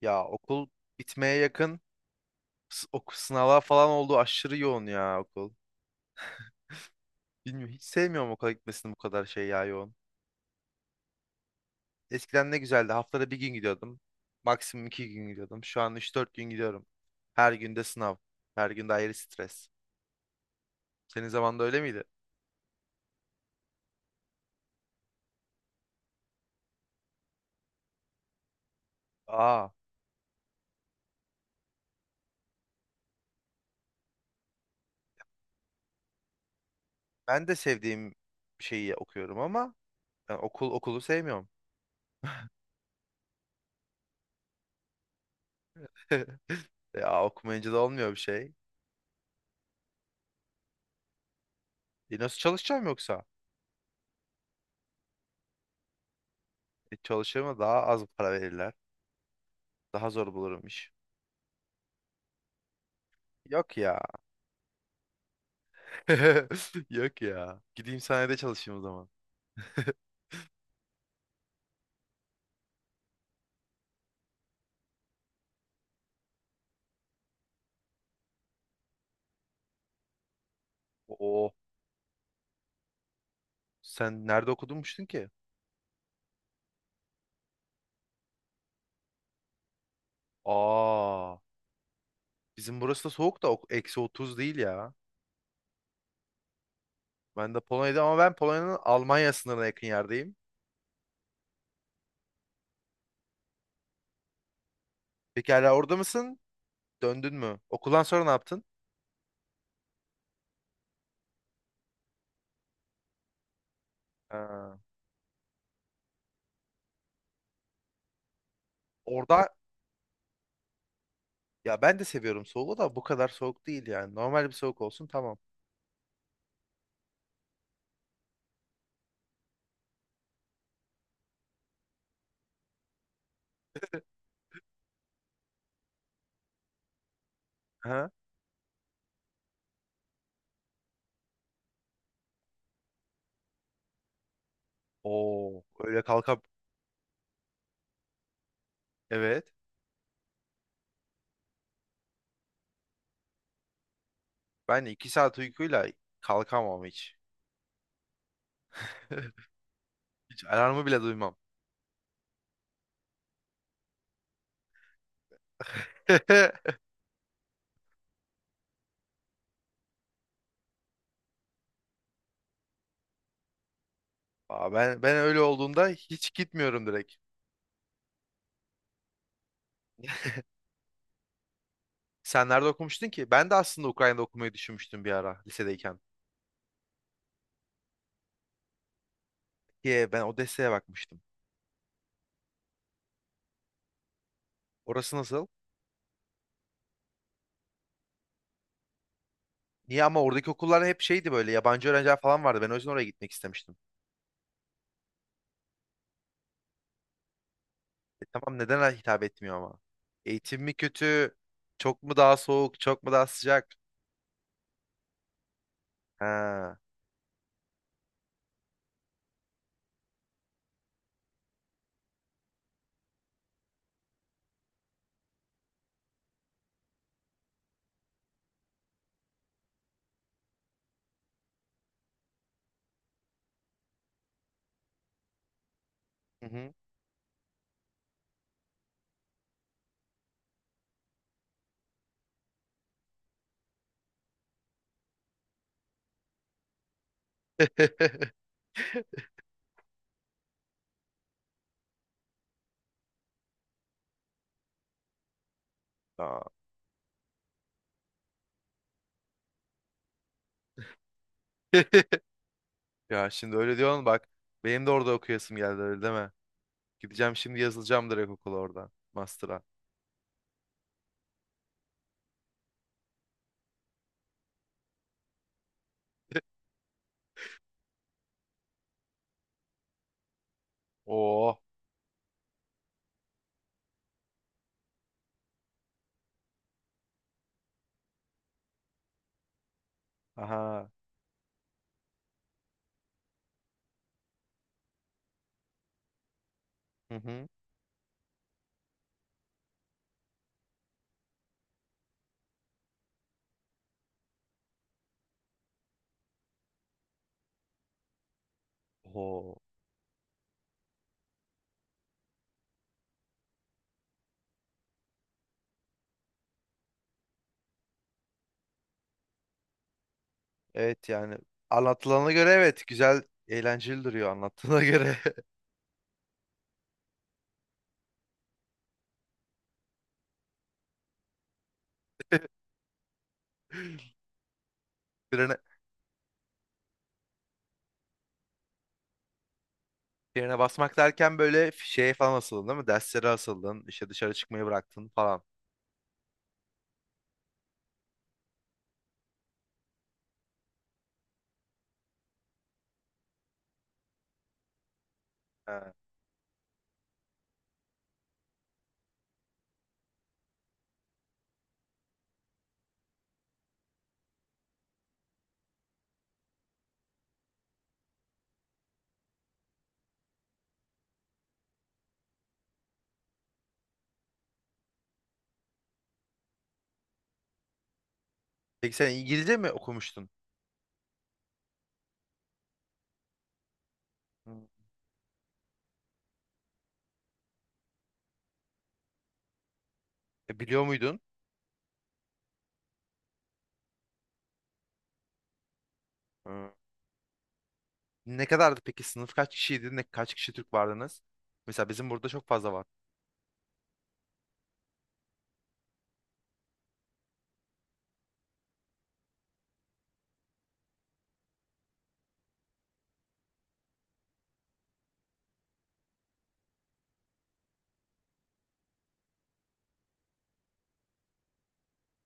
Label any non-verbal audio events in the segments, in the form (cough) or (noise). Ya okul bitmeye yakın. Sınavlar falan oldu. Aşırı yoğun ya okul. Bilmiyorum, hiç sevmiyorum okula gitmesini, bu kadar şey ya, yoğun. Eskiden ne güzeldi. Haftada bir gün gidiyordum. Maksimum iki gün gidiyordum. Şu an üç dört gün gidiyorum. Her günde sınav. Her günde ayrı stres. Senin zamanında öyle miydi? Aa, ben de sevdiğim şeyi okuyorum ama ben okulu sevmiyorum. (laughs) Ya okumayınca da olmuyor bir şey. E nasıl çalışacağım yoksa? Çalışırım da daha az para verirler. Daha zor bulurum iş. Yok ya. (laughs) Yok ya. Gideyim sahnede çalışayım o zaman. (laughs) Oo. Sen nerede okudunmuştun ki? Aa. Bizim burası da soğuk da eksi 30 değil ya. Ben de Polonya'da ama ben Polonya'nın Almanya sınırına yakın yerdeyim. Peki hala orada mısın? Döndün mü? Okuldan sonra ne yaptın? Ha. Orada ya ben de seviyorum soğuğu da bu kadar soğuk değil yani. Normal bir soğuk olsun tamam. Ha? Oo, öyle kalkıp evet. Ben iki saat uykuyla kalkamam hiç. (laughs) Hiç alarmı bile duymam. (laughs) Aa, ben öyle olduğunda hiç gitmiyorum direkt. Sen nerede okumuştun ki? Ben de aslında Ukrayna'da okumayı düşünmüştüm bir ara lisedeyken. Ki ben Odessa'ya bakmıştım. Orası nasıl? Niye ama oradaki okullar hep şeydi böyle, yabancı öğrenciler falan vardı. Ben o yüzden oraya gitmek istemiştim. E tamam, neden hitap etmiyor ama? Eğitim mi kötü? Çok mu daha soğuk? Çok mu daha sıcak? Ha. Hı hı. (laughs) Aa. (laughs) Ya şimdi öyle diyorsun bak. Benim de orada okuyasım geldi, öyle deme. Gideceğim şimdi, yazılacağım direkt okula orada. Master'a. (laughs) Oo. Aha. Hı hı. Oho. Evet yani anlatılana göre evet, güzel eğlenceli duruyor anlattığına göre. (laughs) Birine, birine basmak derken böyle şeye falan asıldın değil mi? Derslere asıldın, işte dışarı çıkmayı bıraktın falan. Ha. Peki sen İngilizce mi okumuştun? Hı. E, biliyor muydun? Hı. Ne kadardı peki, sınıf kaç kişiydi? Kaç kişi Türk vardınız? Mesela bizim burada çok fazla var.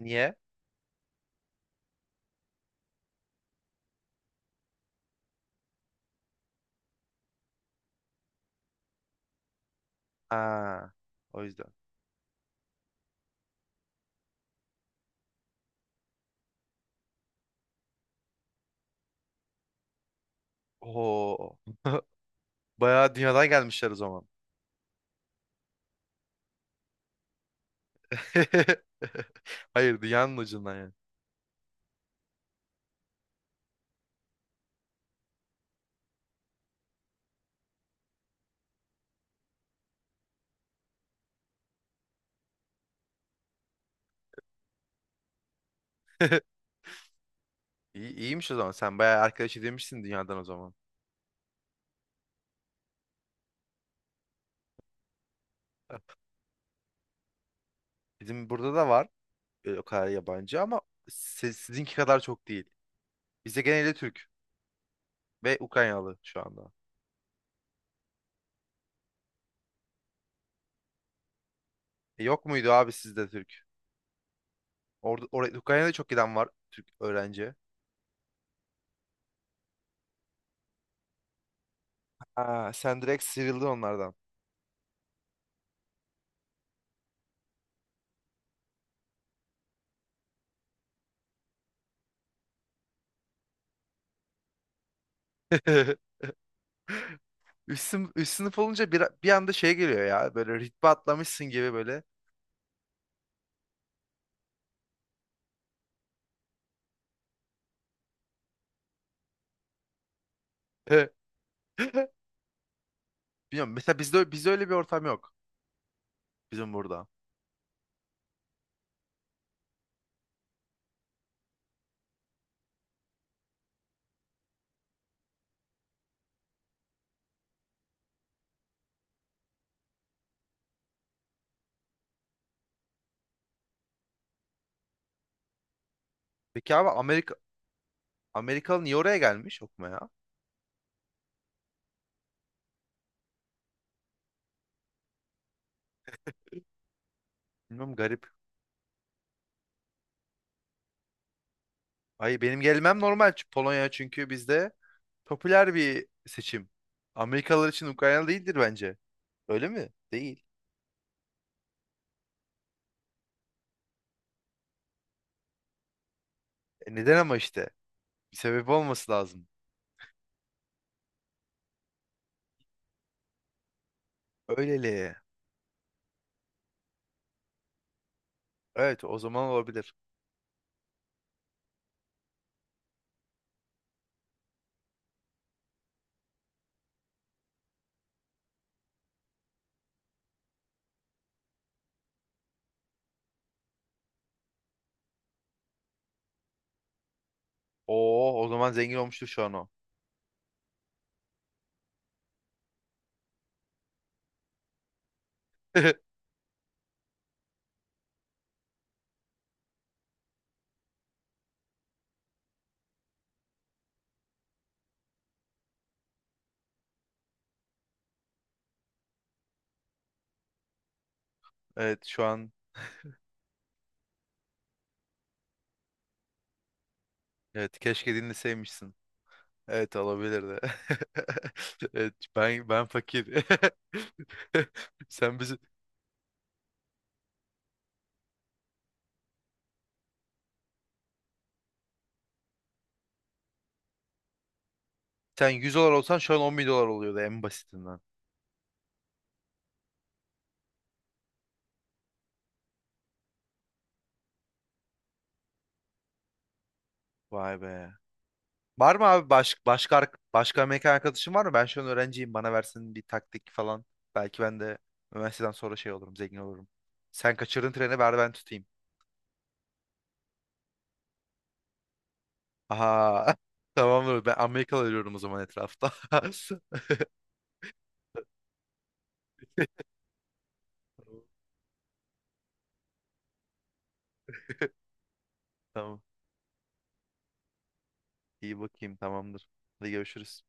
Niye? Ha. O yüzden. Oho. (laughs) Bayağı dünyadan gelmişler o zaman. (laughs) Hayır, dünyanın ucundan yani. (laughs) İyi, iyiymiş o zaman. Sen bayağı arkadaş edinmişsin dünyadan o zaman. Bizim burada da var o kadar yabancı ama sizinki kadar çok değil. Bizde genelde Türk ve Ukraynalı şu anda. E, yok muydu abi sizde Türk? Ukrayna'da çok giden var Türk öğrenci. Aa, sen direkt sıyrıldın onlardan. (laughs) Üst sınıf olunca bir anda şey geliyor ya. Böyle ritme atlamışsın gibi böyle. (laughs) Bilmiyorum. Mesela bizde öyle bir ortam yok. Bizim burada. Peki abi Amerikalı niye oraya gelmiş okumaya? Bilmiyorum, garip. Ay benim gelmem normal çünkü Polonya, çünkü bizde popüler bir seçim. Amerikalılar için Ukrayna değildir bence. Öyle mi? Değil. E neden ama işte? Bir sebep olması lazım. Öyleli. Evet o zaman olabilir. Oo, o zaman zengin olmuştur şu an o. (laughs) Evet şu an evet, keşke dinleseymişsin. Evet olabilirdi. (laughs) Evet ben fakir. (laughs) Sen bizi sen $100 olsan şu an $10.000 oluyordu en basitinden. Vay be. Var mı abi başka mekan arkadaşın var mı? Ben şu an öğrenciyim. Bana versin bir taktik falan. Belki ben de üniversiteden sonra şey olurum, zengin olurum. Sen kaçırın treni, ver ben tutayım. Aha. (laughs) Tamamdır. Ben Amerikalı arıyorum o zaman etrafta. (laughs) Tamam. İyi bakayım. Tamamdır. Hadi görüşürüz.